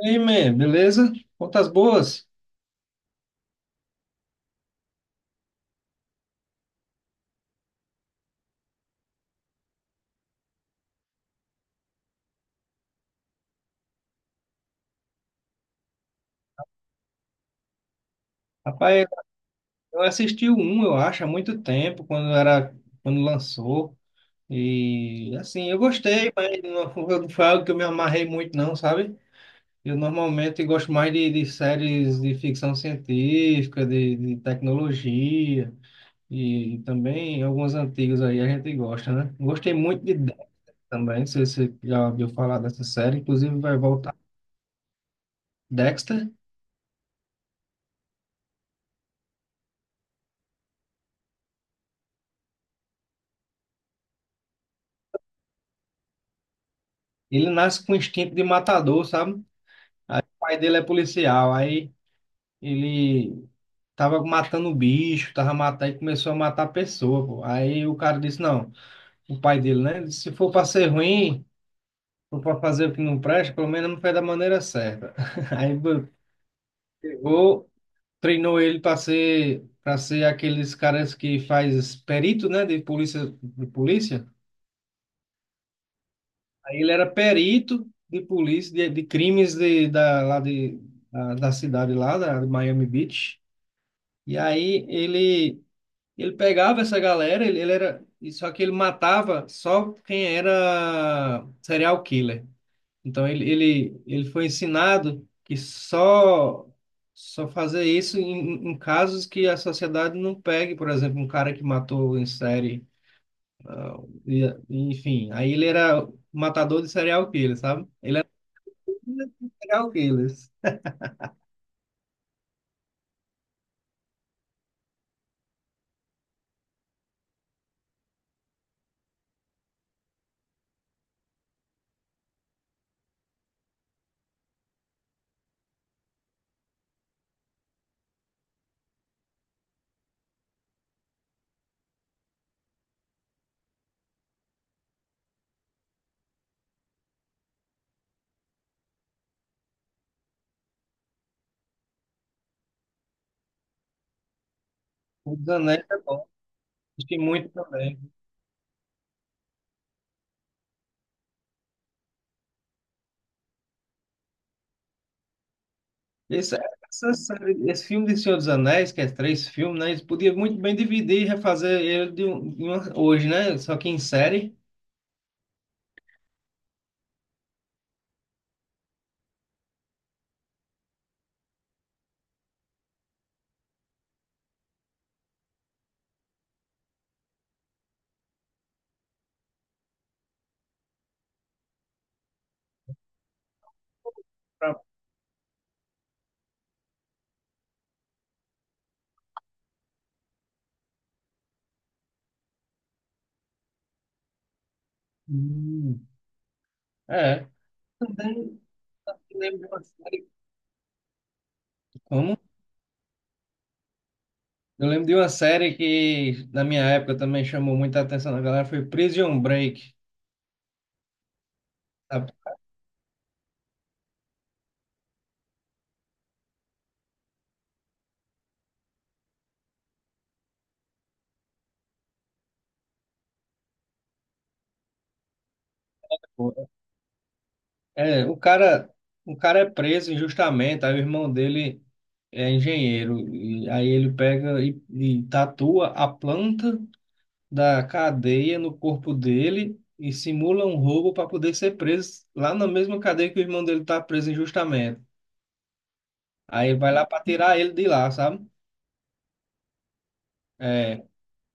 E aí, man, beleza? Contas boas? Rapaz, eu assisti o um, eu acho, há muito tempo, quando era, quando lançou. E assim, eu gostei, mas não foi algo que eu me amarrei muito, não, sabe? Eu normalmente gosto mais de séries de ficção científica, de tecnologia, e também alguns antigos aí a gente gosta, né? Gostei muito de Dexter também, se você já ouviu falar dessa série, inclusive vai voltar Dexter. Ele nasce com instinto de matador, sabe? Pai dele é policial, aí ele tava matando bicho, tava matando e começou a matar pessoa, pô. Aí o cara disse, não, o pai dele, né, disse, se for para ser ruim, for para fazer o que não presta, pelo menos não faz da maneira certa. Aí bo- pegou, treinou ele para ser aqueles caras que faz perito, né, de polícia, Aí ele era perito de polícia de crimes da lá da cidade lá, da de Miami Beach. E aí ele pegava essa galera, ele era e só que ele matava só quem era serial killer. Então ele foi ensinado que só fazer isso em casos que a sociedade não pegue, por exemplo, um cara que matou em série, ah, enfim. Aí ele era matador de serial killer, sabe? Ele era um serial killer. O Zanetti é bom, assisti muito também. Isso, esse filme de Senhor dos Anéis, que é três filmes, né? Eles podiam muito bem dividir e refazer ele de um- em uma- hoje, né? Só que em série. pra- Hum. É. Também lembro de uma série. Como? Eu lembro de uma série que na minha época também chamou muita atenção da galera, foi Prison Break. Sabe? É, o cara é preso injustamente, aí o irmão dele é engenheiro, e aí ele pega e tatua a planta da cadeia no corpo dele e simula um roubo para poder ser preso lá na mesma cadeia que o irmão dele tá preso injustamente. Aí ele vai lá para tirar ele de lá, sabe? É,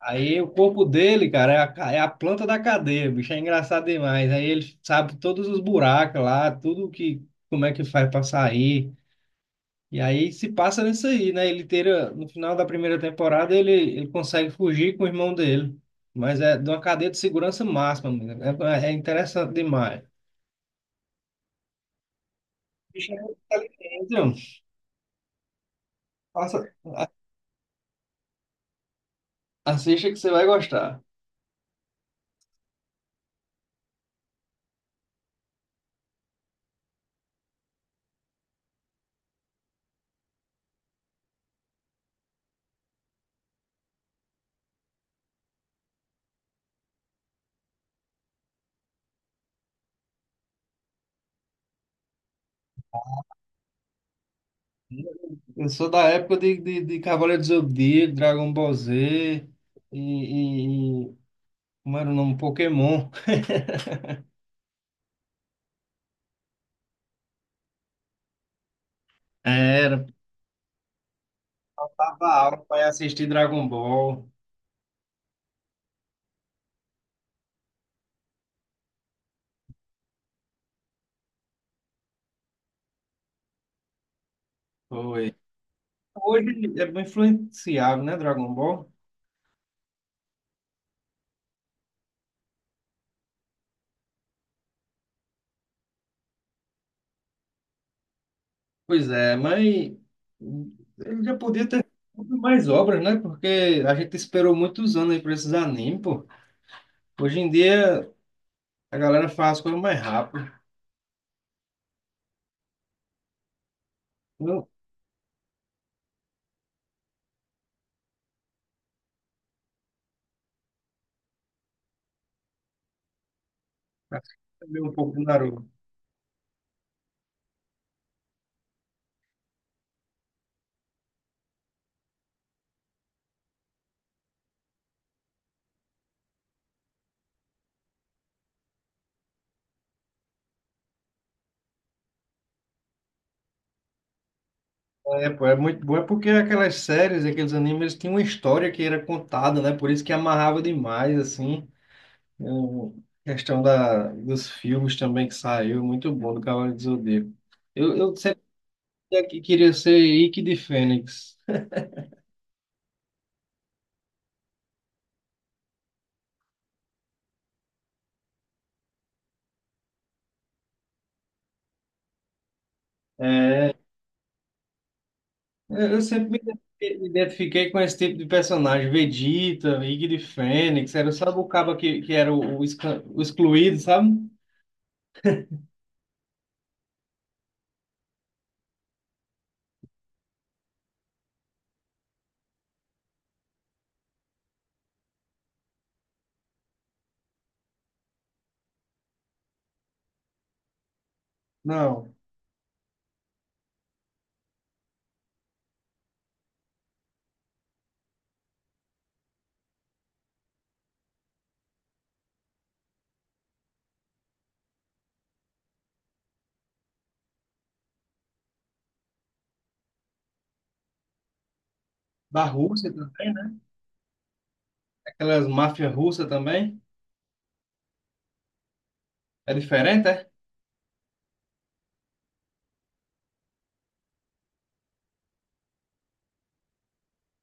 aí o corpo dele, cara, é a planta da cadeia, bicho, é engraçado demais. Aí ele sabe todos os buracos lá, tudo que, como é que faz para sair. E aí se passa nisso aí, né? Ele tira, no final da primeira temporada, ele consegue fugir com o irmão dele. Mas é de uma cadeia de segurança máxima, amigo. É, é interessante demais. Bicho é muito inteligente, ó. Passa, a- assista que você vai gostar. Eu sou da época de Cavaleiro do Zodíaco, Dragon Ball Z e como era o nome? Pokémon. Era, tava aula para assistir Dragon Ball. Foi. Hoje é bem influenciável, né, Dragon Ball? Pois é, mas ele já podia ter feito mais obras, né? Porque a gente esperou muitos anos aí para esses animes, pô. Hoje em dia a galera faz as coisas mais rápido. Também um pouco do Naruto. É, pô, é muito bom, é porque aquelas séries, aqueles animes, eles tinham uma história que era contada, né? Por isso que amarrava demais, assim. Eu- questão da, dos filmes também que saiu, muito bom, do Cavaleiro do Zodíaco. Eu sempre queria ser Ikki de Fênix. É, eu sempre me identifiquei com esse tipo de personagem, Vegeta, Ikki de Fênix, era, sabe o cabo que era o excluído, sabe? Não, da Rússia também, né? Aquelas máfias russas também. É diferente, é?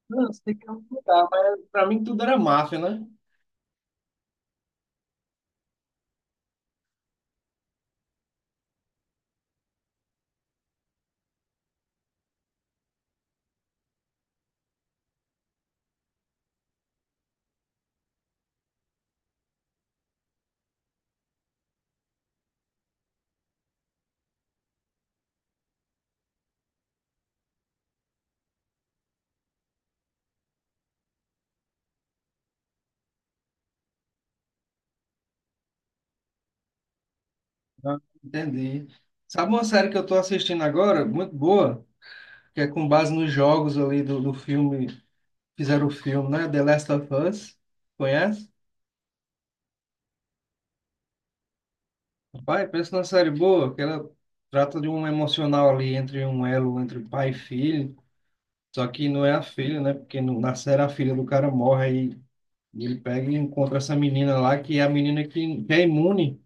Não, sei que é um lugar, mas pra mim tudo era máfia, né? Ah, entendi. Sabe uma série que eu tô assistindo agora, muito boa, que é com base nos jogos ali do filme, fizeram o filme, né? The Last of Us. Conhece? Pai, pensa numa série boa, que ela trata de um emocional ali entre um elo, entre pai e filho. Só que não é a filha, né? Porque no, na série a filha do cara morre aí. E ele pega e encontra essa menina lá, que é a menina que é imune.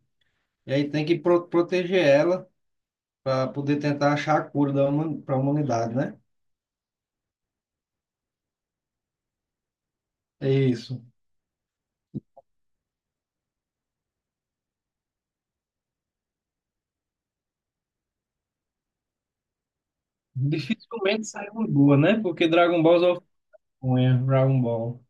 E aí tem que proteger ela para poder tentar achar a cura para a humanidade, né? É isso. Dificilmente sai uma boa, né? Porque Dragon Ball é uma Dragon Ball.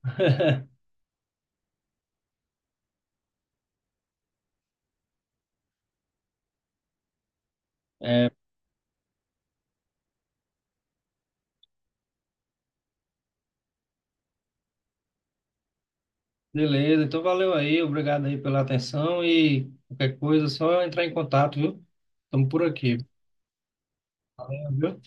É, beleza, então valeu aí, obrigado aí pela atenção e qualquer coisa, é só entrar em contato, viu? Estamos por aqui. Valeu, viu?